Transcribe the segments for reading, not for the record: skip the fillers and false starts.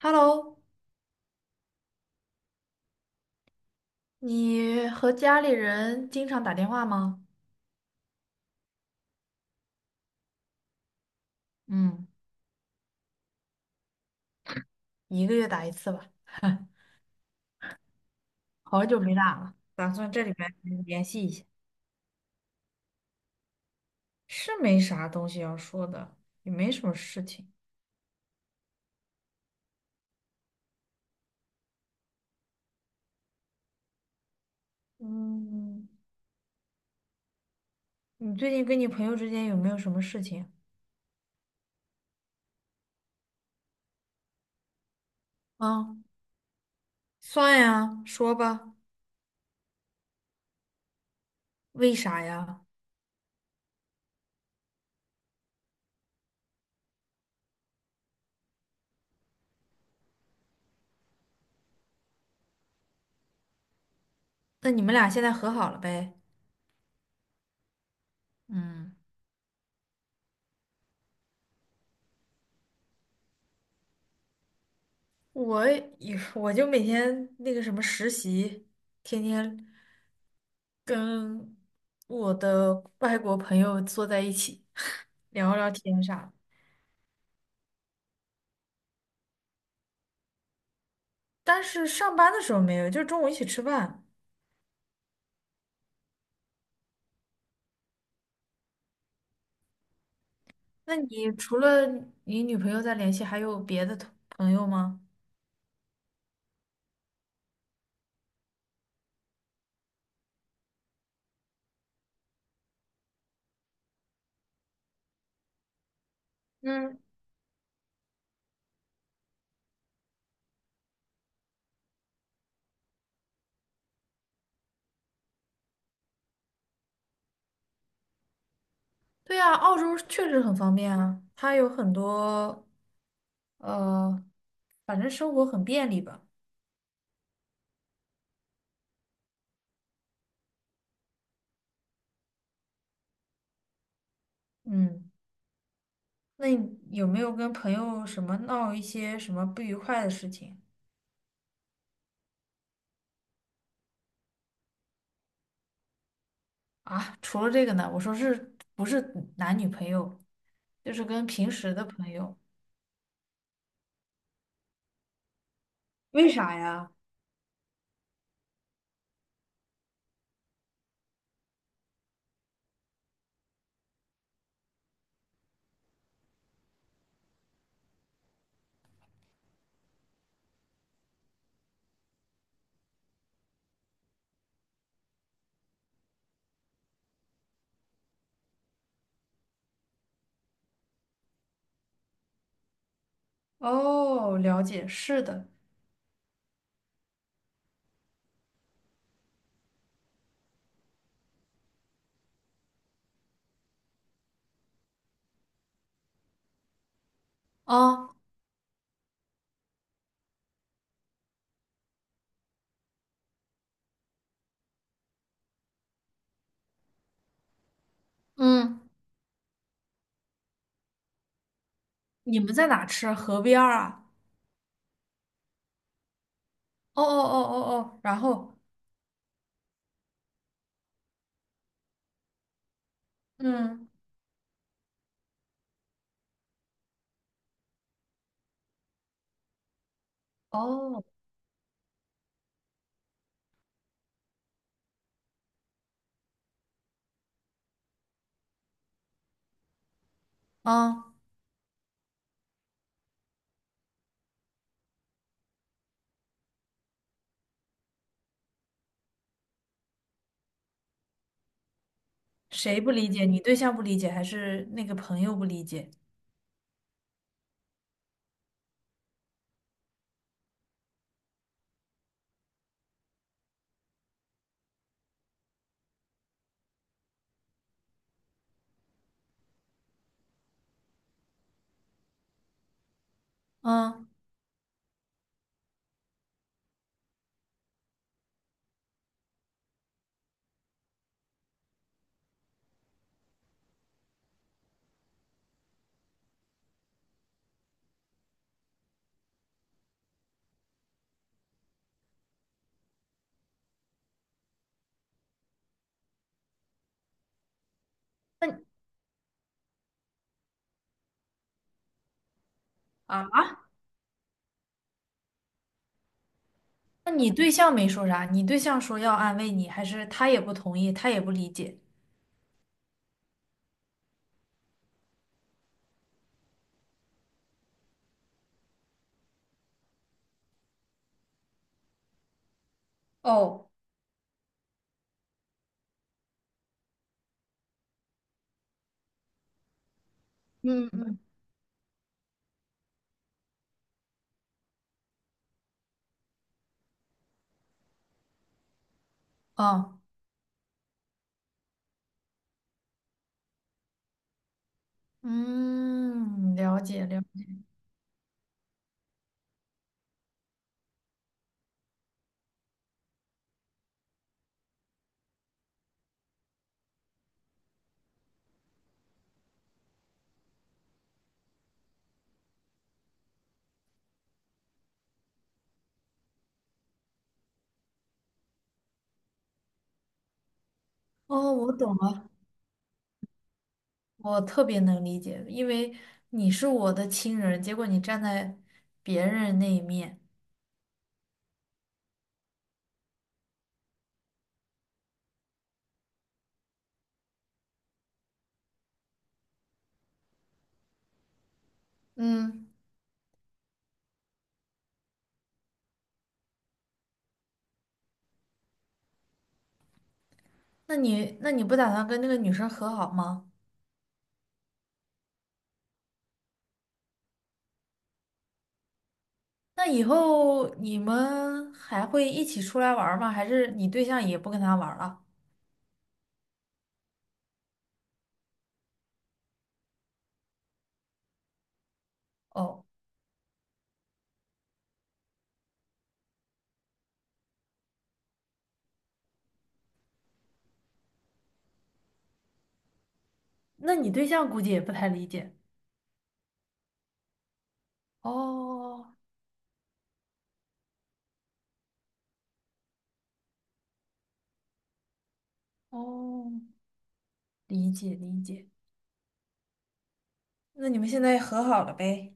Hello，你和家里人经常打电话吗？嗯，一个月打一次吧，好久没打了，打算这里边联系一下。是没啥东西要说的，也没什么事情。嗯，你最近跟你朋友之间有没有什么事情？啊，算呀，说吧。为啥呀？那你们俩现在和好了呗？嗯，我也我就每天那个什么实习，天天。跟我的外国朋友坐在一起 聊聊天啥的，但是上班的时候没有，就是中午一起吃饭。那你除了你女朋友在联系，还有别的同朋友吗？嗯，对呀，澳洲确实很方便啊，它有很多呃，反正生活很便利吧。嗯，那你有没有跟朋友什么闹一些什么不愉快的事情？啊，除了这个呢，我说是不是男女朋友，就是跟平时的朋友。为啥呀？哦，了解，是的。啊，嗯，你们在哪吃啊？河边儿啊？哦哦哦哦哦，然后，嗯，哦，嗯谁不理解？你对象不理解，还是那个朋友不理解？嗯，那啊？那你对象没说啥？你对象说要安慰你，还是他也不同意，他也不理解？哦，嗯嗯。哦。嗯，了解了解。哦，我懂了，我特别能理解，因为你是我的亲人，结果你站在别人那一面。嗯，那你不打算跟那个女生和好吗？那以后你们还会一起出来玩儿吗？还是你对象也不跟他玩儿了？哦，那你对象估计也不太理解。哦哦，理解理解。那你们现在和好了呗？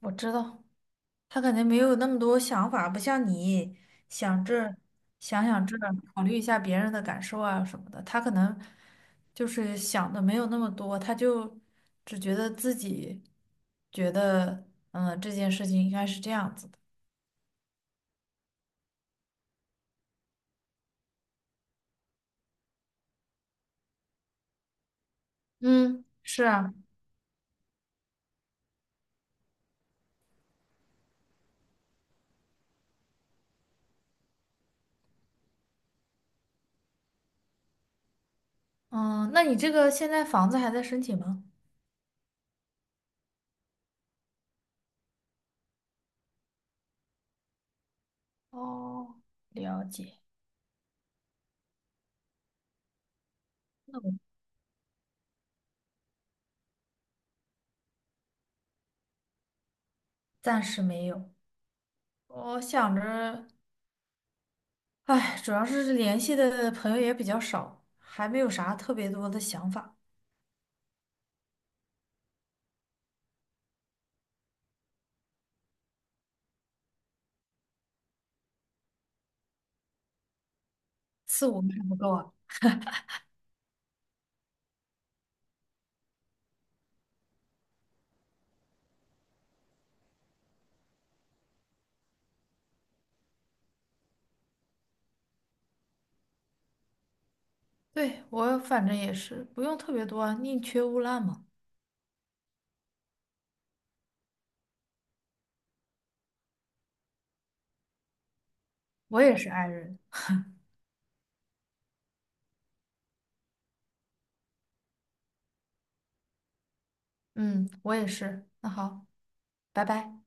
我知道，他肯定没有那么多想法，不像你想这儿想这儿考虑一下别人的感受啊什么的。他可能就是想的没有那么多，他就只觉得自己觉得，嗯，这件事情应该是这样子的。嗯，是啊，嗯，那你这个现在房子还在申请吗？哦，了解，那我暂时没有。我想着。唉，主要是联系的朋友也比较少，还没有啥特别多的想法，四五个还不够啊。对，我反正也是，不用特别多啊宁缺毋滥嘛。我也是 i 人，嗯，我也是。那好，拜拜。